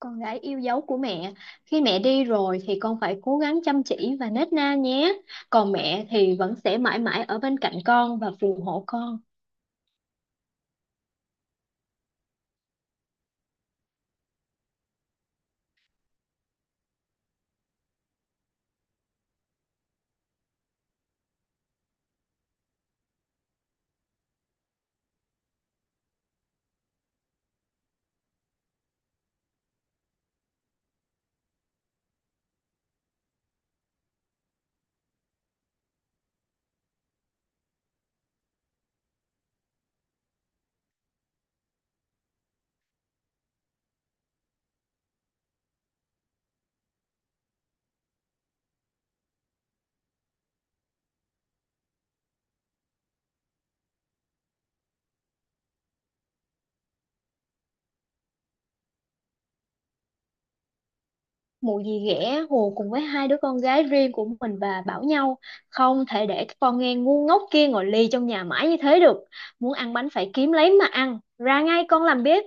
Con gái yêu dấu của mẹ, khi mẹ đi rồi thì con phải cố gắng chăm chỉ và nết na nhé. Còn mẹ thì vẫn sẽ mãi mãi ở bên cạnh con và phù hộ con. Mụ dì ghẻ hùa cùng với hai đứa con gái riêng của mình và bảo nhau, không thể để cái con nghe ngu ngốc kia ngồi lì trong nhà mãi như thế được. Muốn ăn bánh phải kiếm lấy mà ăn, ra ngay con làm bếp.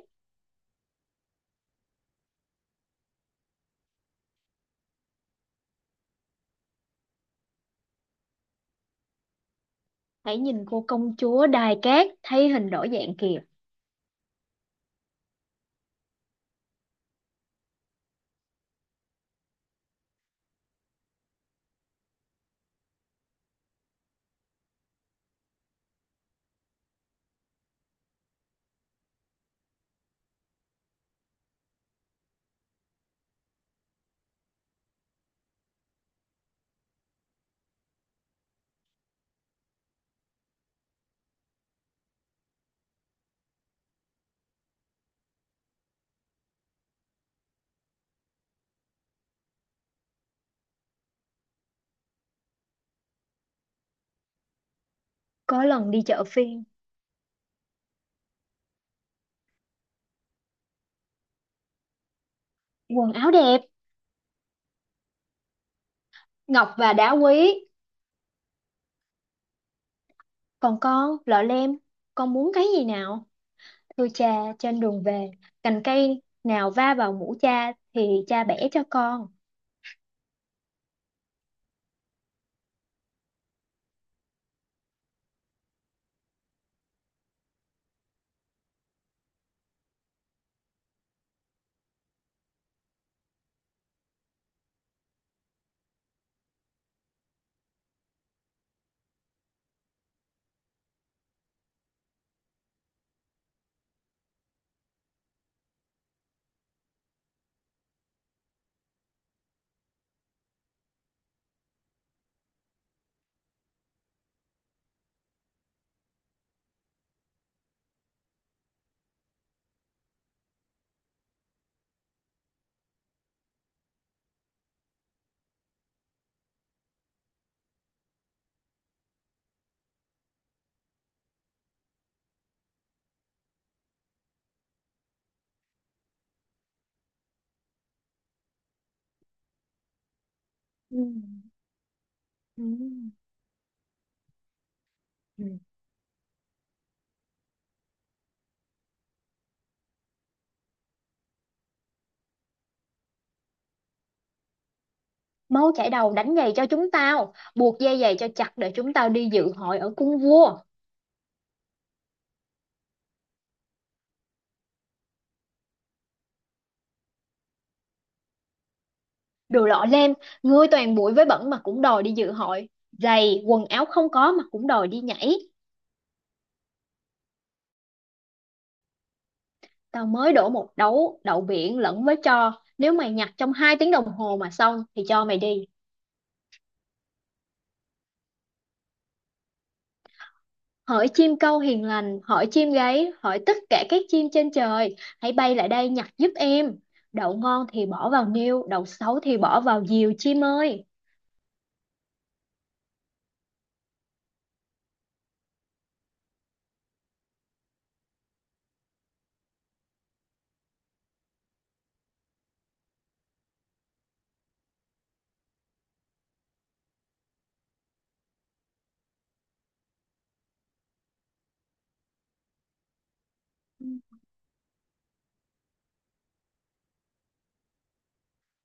Hãy nhìn cô công chúa đài cát thay hình đổi dạng kìa. Có lần đi chợ phiên. Quần áo đẹp. Ngọc và đá quý. Còn con, lọ lem, con muốn cái gì nào? Thưa cha, trên đường về, cành cây nào va vào mũ cha thì cha bẻ cho con. Ừ. Ừ. Ừ. Máu chảy đầu đánh giày cho chúng tao, buộc dây giày cho chặt để chúng tao đi dự hội ở cung vua. Đồ lọ lem, ngươi toàn bụi với bẩn mà cũng đòi đi dự hội. Giày, quần áo không có mà cũng đòi đi nhảy. Tao mới đổ một đấu đậu biển lẫn với tro. Nếu mày nhặt trong hai tiếng đồng hồ mà xong thì cho mày đi. Hỡi chim câu hiền lành, hỡi chim gáy, hỡi tất cả các chim trên trời, hãy bay lại đây nhặt giúp em. Đậu ngon thì bỏ vào niêu, đậu xấu thì bỏ vào diều chim ơi.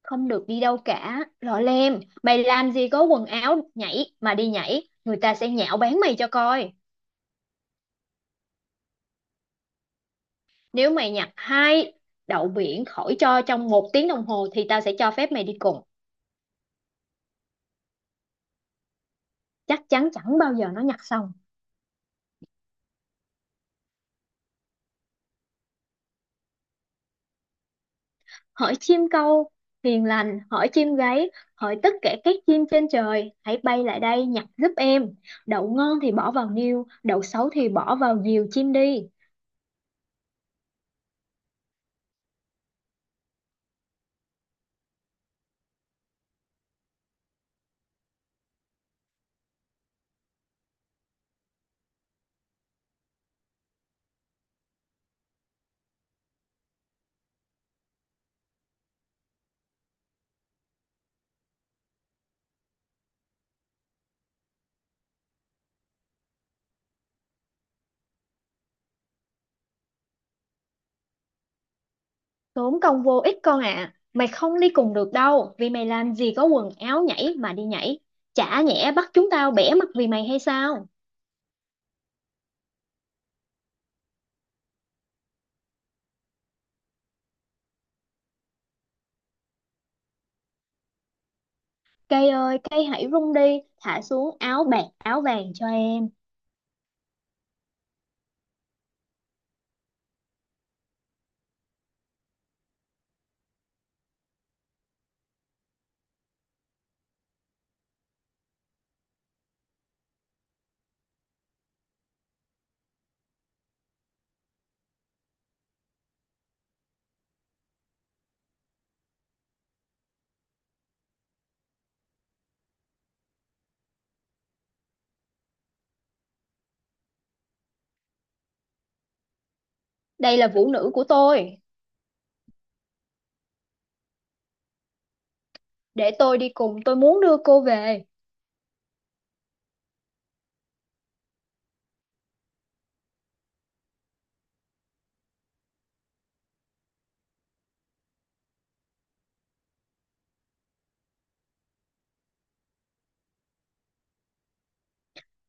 Không được đi đâu cả, lọ lem, mày làm gì có quần áo nhảy mà đi nhảy, người ta sẽ nhạo báng mày cho coi. Nếu mày nhặt hai đậu biển khỏi cho trong một tiếng đồng hồ thì tao sẽ cho phép mày đi cùng. Chắc chắn chẳng bao giờ nó nhặt xong. Hỡi chim câu hiền lành, hỡi chim gáy, hỡi tất cả các chim trên trời, hãy bay lại đây nhặt giúp em. Đậu ngon thì bỏ vào niêu, đậu xấu thì bỏ vào diều chim đi. Tốn công vô ích con ạ, mày không đi cùng được đâu, vì mày làm gì có quần áo nhảy mà đi nhảy. Chả nhẽ bắt chúng tao bẻ mặt vì mày hay sao. Cây ơi, cây hãy rung đi, thả xuống áo bạc áo vàng cho em. Đây là vũ nữ của tôi. Để tôi đi cùng, tôi muốn đưa cô về.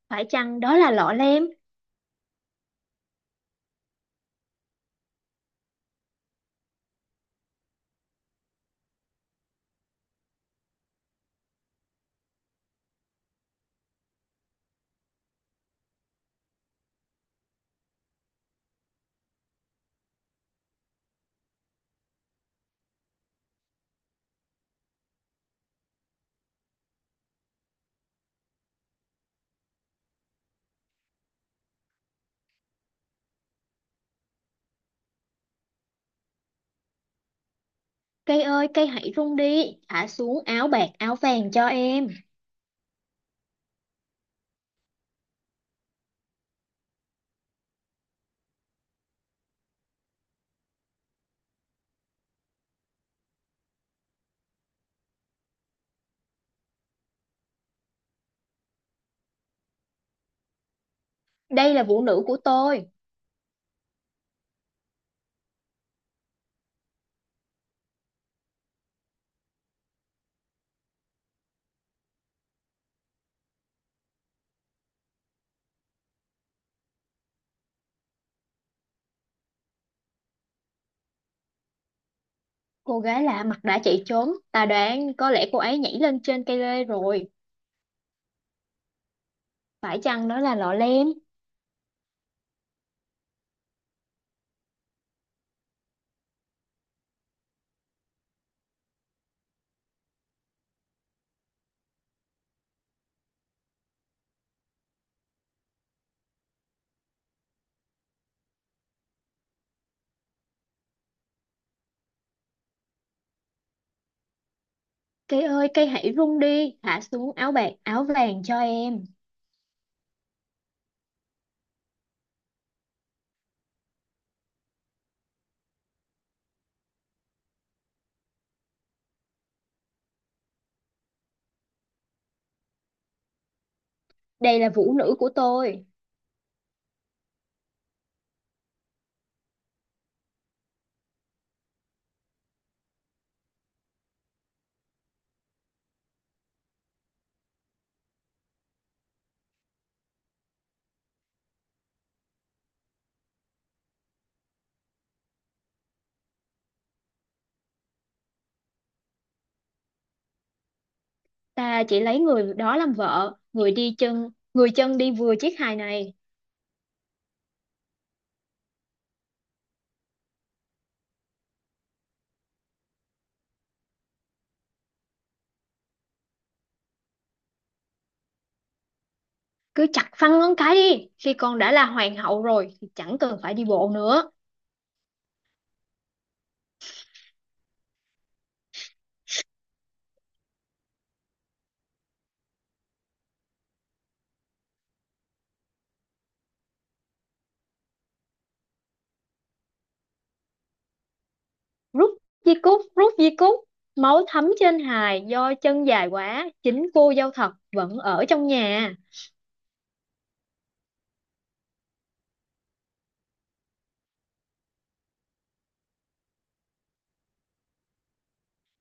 Phải chăng đó là lọ lem. Cây ơi, cây hãy rung đi, thả xuống áo bạc áo vàng cho em. Đây là vũ nữ của tôi. Cô gái lạ mặt đã chạy trốn, ta đoán có lẽ cô ấy nhảy lên trên cây lê rồi. Phải chăng đó là lọ lem? Cây ơi, cây hãy rung đi, thả xuống áo bạc áo vàng cho em. Đây là vũ nữ của tôi. Ta chỉ lấy người đó làm vợ, người đi chân, người chân đi vừa chiếc hài này. Cứ chặt phăng ngón cái đi, khi con đã là hoàng hậu rồi thì chẳng cần phải đi bộ nữa. Rút rút di cúc, máu thấm trên hài do chân dài quá, chính cô dâu thật vẫn ở trong nhà.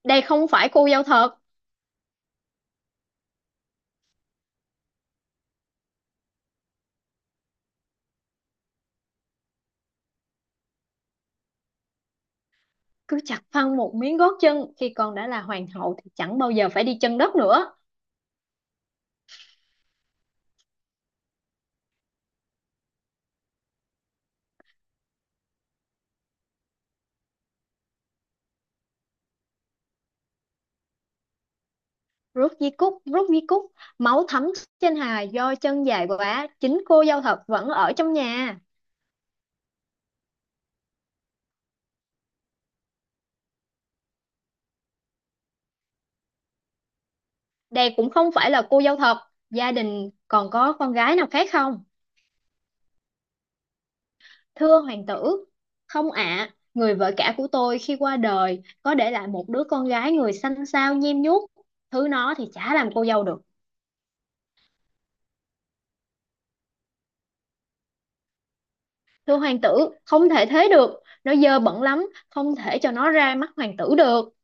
Đây không phải cô dâu thật. Cứ chặt phăng một miếng gót chân, khi con đã là hoàng hậu thì chẳng bao giờ phải đi chân đất nữa. Rút di cúc, máu thấm trên hài do chân dài quá, chính cô dâu thật vẫn ở trong nhà. Đây cũng không phải là cô dâu thật, gia đình còn có con gái nào khác không? Thưa hoàng tử, không ạ, người vợ cả của tôi khi qua đời có để lại một đứa con gái người xanh xao nhem nhuốc, thứ nó thì chả làm cô dâu được. Thưa hoàng tử, không thể thế được, nó dơ bẩn lắm, không thể cho nó ra mắt hoàng tử được.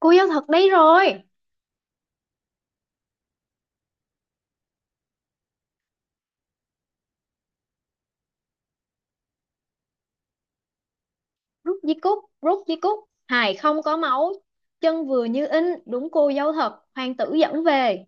Cô dâu thật đấy rồi. Rút di cúc, rút di cúc, hài không có máu, chân vừa như in, đúng cô dâu thật, hoàng tử dẫn về.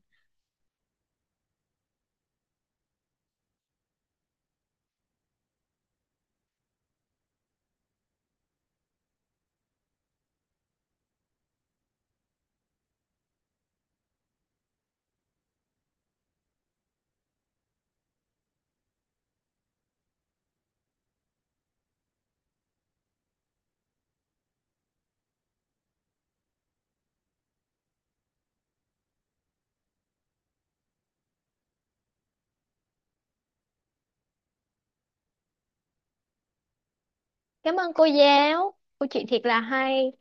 Cảm ơn cô giáo, cô chị thiệt là hay.